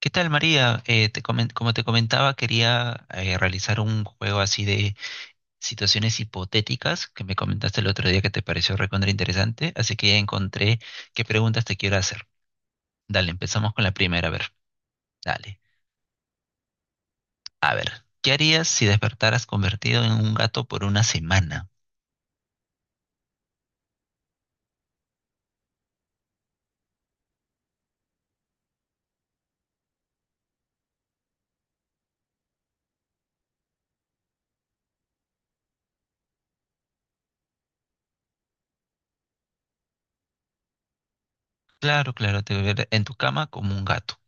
¿Qué tal, María? Como te comentaba, quería realizar un juego así de situaciones hipotéticas que me comentaste el otro día que te pareció recontra interesante, así que ya encontré qué preguntas te quiero hacer. Dale, empezamos con la primera, a ver, dale. A ver, ¿qué harías si despertaras convertido en un gato por una semana? Claro, claro, te ver en tu cama como un gato.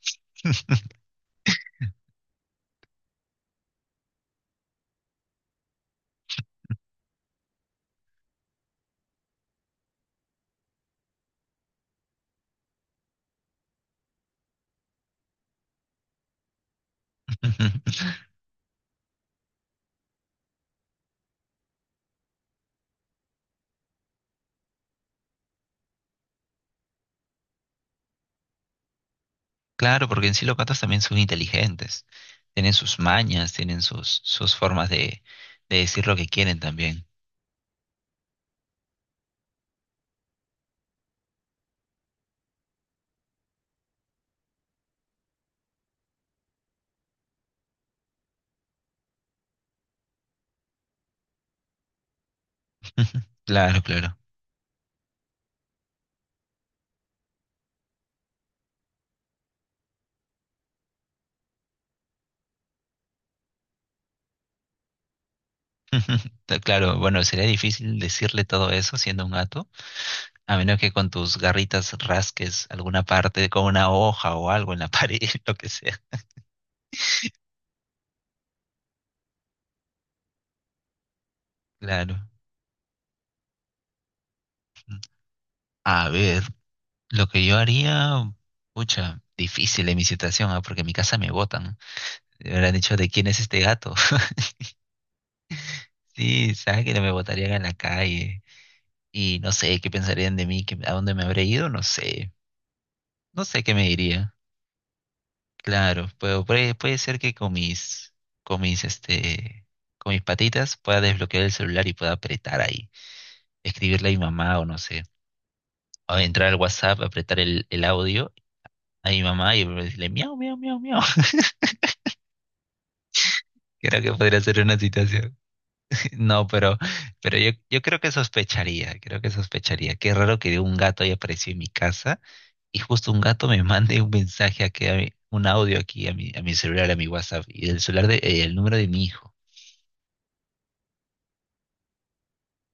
Claro, porque en sí los gatos también son inteligentes, tienen sus mañas, tienen sus formas de decir lo que quieren también. Ujú, claro, claro. Claro, bueno, sería difícil decirle todo eso siendo un gato, a menos que con tus garritas rasques alguna parte con una hoja o algo en la pared, lo que sea. Claro. A ver, lo que yo haría, pucha, difícil en mi situación, ah, porque en mi casa me botan. Me habrán dicho, ¿de quién es este gato? Sí, sabes que no me botarían en la calle. Y no sé, ¿qué pensarían de mí? ¿A dónde me habré ido? No sé. No sé qué me diría. Claro, pero puede ser que con mis, este, con mis patitas pueda desbloquear el celular y pueda apretar ahí, escribirle a mi mamá o no sé, o entrar al WhatsApp, apretar el audio a mi mamá y decirle miau, miau, miau, miau. Creo que podría ser una situación. No, pero yo creo que sospecharía, creo que sospecharía. Qué raro que un gato haya aparecido en mi casa y justo un gato me mande un mensaje aquí, un audio aquí a mi celular, a mi WhatsApp y el celular de, el número de mi hijo.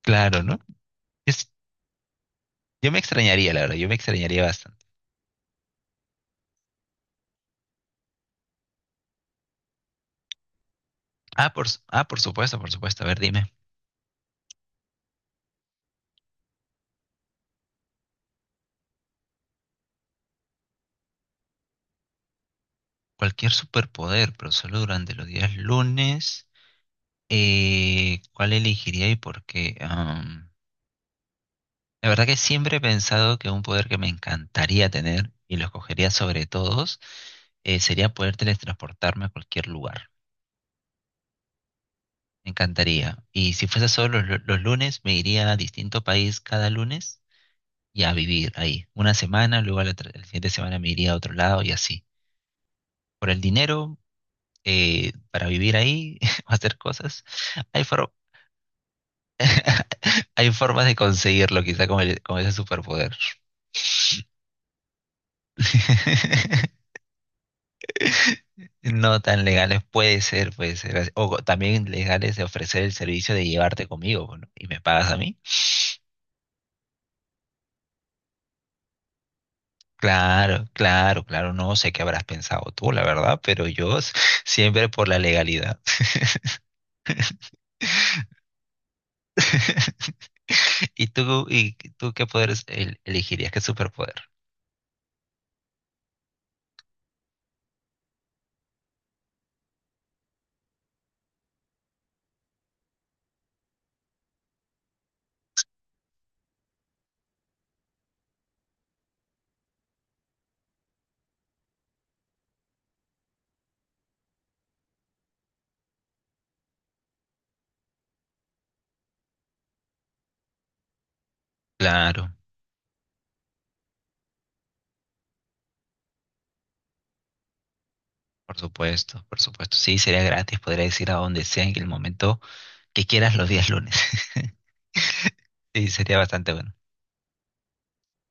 Claro, ¿no? Es- yo me extrañaría, la verdad, yo me extrañaría bastante. Ah, ah, por supuesto, por supuesto. A ver, dime. Cualquier superpoder, pero solo durante los días lunes. ¿Cuál elegiría y por qué? Am, la verdad que siempre he pensado que un poder que me encantaría tener y lo escogería sobre todos sería poder teletransportarme a cualquier lugar. Me encantaría. Y si fuese solo los lunes, me iría a distinto país cada lunes y a vivir ahí. Una semana, luego la siguiente semana me iría a otro lado y así. Por el dinero, para vivir ahí, hacer cosas. Hay, for- hay formas de conseguirlo, quizá con ese superpoder. No tan legales, puede ser, puede ser. También legales de ofrecer el servicio de llevarte conmigo, ¿no? ¿Y me pagas a mí? Claro, claro, claro, no sé qué habrás pensado tú, la verdad, pero siempre por la legalidad. Y tú qué elegirías? ¿Qué superpoder? Claro, por supuesto, por supuesto. Sí, sería gratis, podrías ir a donde sea en el momento que quieras los días lunes. Sí, sería bastante bueno.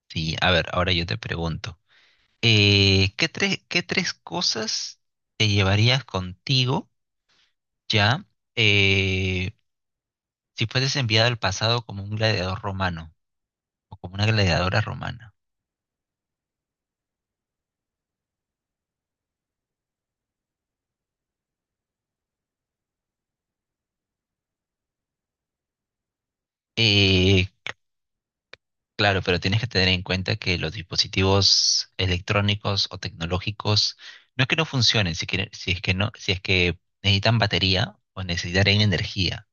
Sí, a ver, ahora yo te pregunto, qué tres cosas te llevarías contigo ya eh, si fueses enviado al pasado como un gladiador romano o como una gladiadora romana? Eh, Claro, pero tienes que tener en cuenta que los dispositivos electrónicos o tecnológicos no es que no funcionen, si es que no, si es que necesitan batería o necesitarán energía.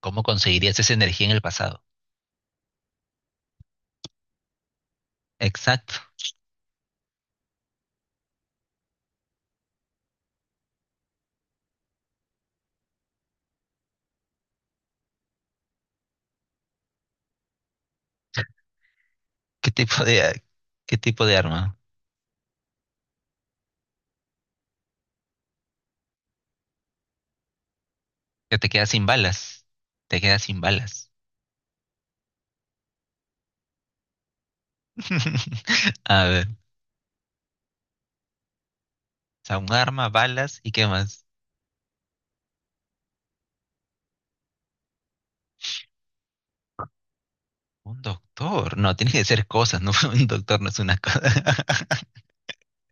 ¿Cómo conseguirías esa energía en el pasado? Exacto. ¿Qué tipo de, qué tipo de arma? Que te quedas sin balas. Te quedas sin balas. A ver, o sea, un arma, balas y qué más. Un doctor. No, tiene que ser cosas, no, un doctor no es una cosa.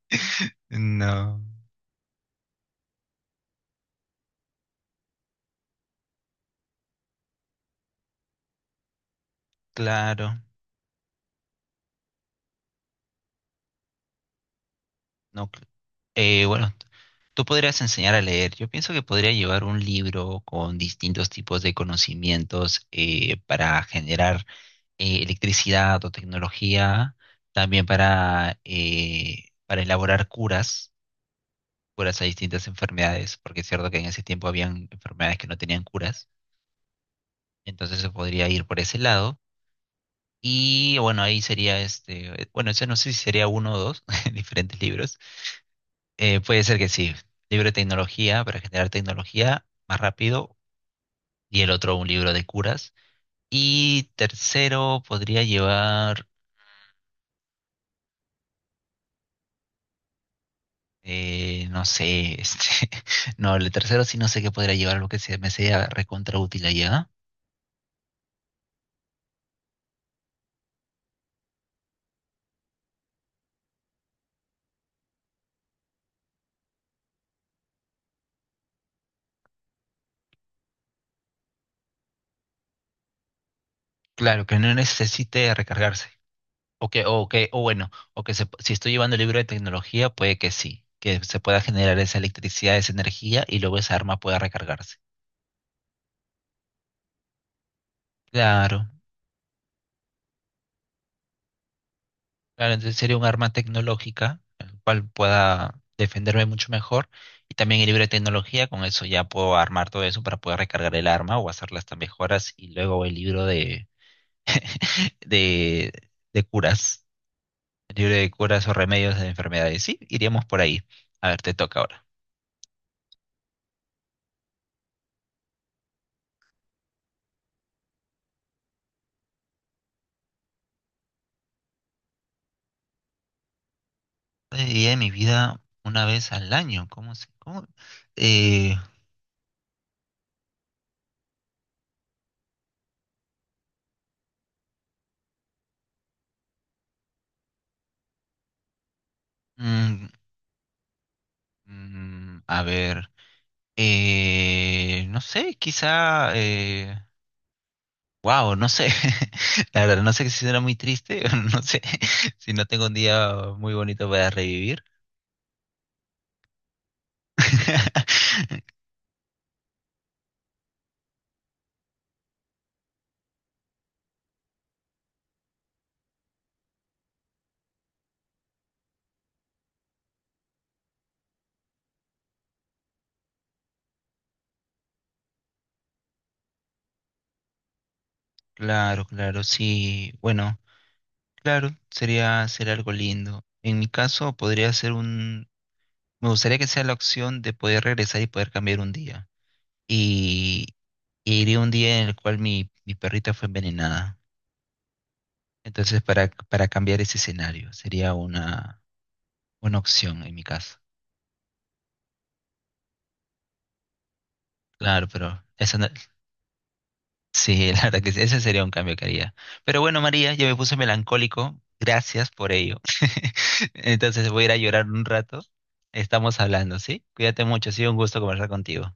No, claro. No, cl- bueno, tú podrías enseñar a leer. Yo pienso que podría llevar un libro con distintos tipos de conocimientos para generar electricidad o tecnología, también para elaborar curas, curas a distintas enfermedades, porque es cierto que en ese tiempo habían enfermedades que no tenían curas, entonces se podría ir por ese lado. Y bueno, ahí sería este, bueno, ese no sé si sería uno o dos diferentes libros. Puede ser que sí. Libro de tecnología para generar tecnología más rápido. Y el otro, un libro de curas. Y tercero, podría llevar, no sé, este, no, el tercero sí no sé qué podría llevar, algo que se me sea recontra útil allá. Claro, que no necesite recargarse. O bueno, si estoy llevando el libro de tecnología, puede que sí, que se pueda generar esa electricidad, esa energía y luego esa arma pueda recargarse. Claro. Claro, entonces sería un arma tecnológica, el cual pueda defenderme mucho mejor. Y también el libro de tecnología, con eso ya puedo armar todo eso para poder recargar el arma o hacer las mejoras. Y luego el libro de, de, de curas, el libro de curas o remedios de enfermedades. Sí, iríamos por ahí. A ver, te toca ahora. Día de mi vida una vez al año. ¿Cómo se? ¿Cómo? Eh, mm, a ver, no sé, quizá. Wow, no sé. La verdad, no sé si será muy triste. No sé si no tengo un día muy bonito para revivir. Claro, claro, sí. Bueno, claro, sería, sería algo lindo. En mi caso, podría ser un. Me gustaría que sea la opción de poder regresar y poder cambiar un día. Y, y iría un día en el cual mi, mi perrita fue envenenada. Entonces, para cambiar ese escenario, sería una opción en mi caso. Claro, pero esa no- Sí, la verdad que sí, ese sería un cambio que haría. Pero bueno, María, yo me puse melancólico. Gracias por ello. Entonces voy a ir a llorar un rato. Estamos hablando, ¿sí? Cuídate mucho, ha sido un gusto conversar contigo.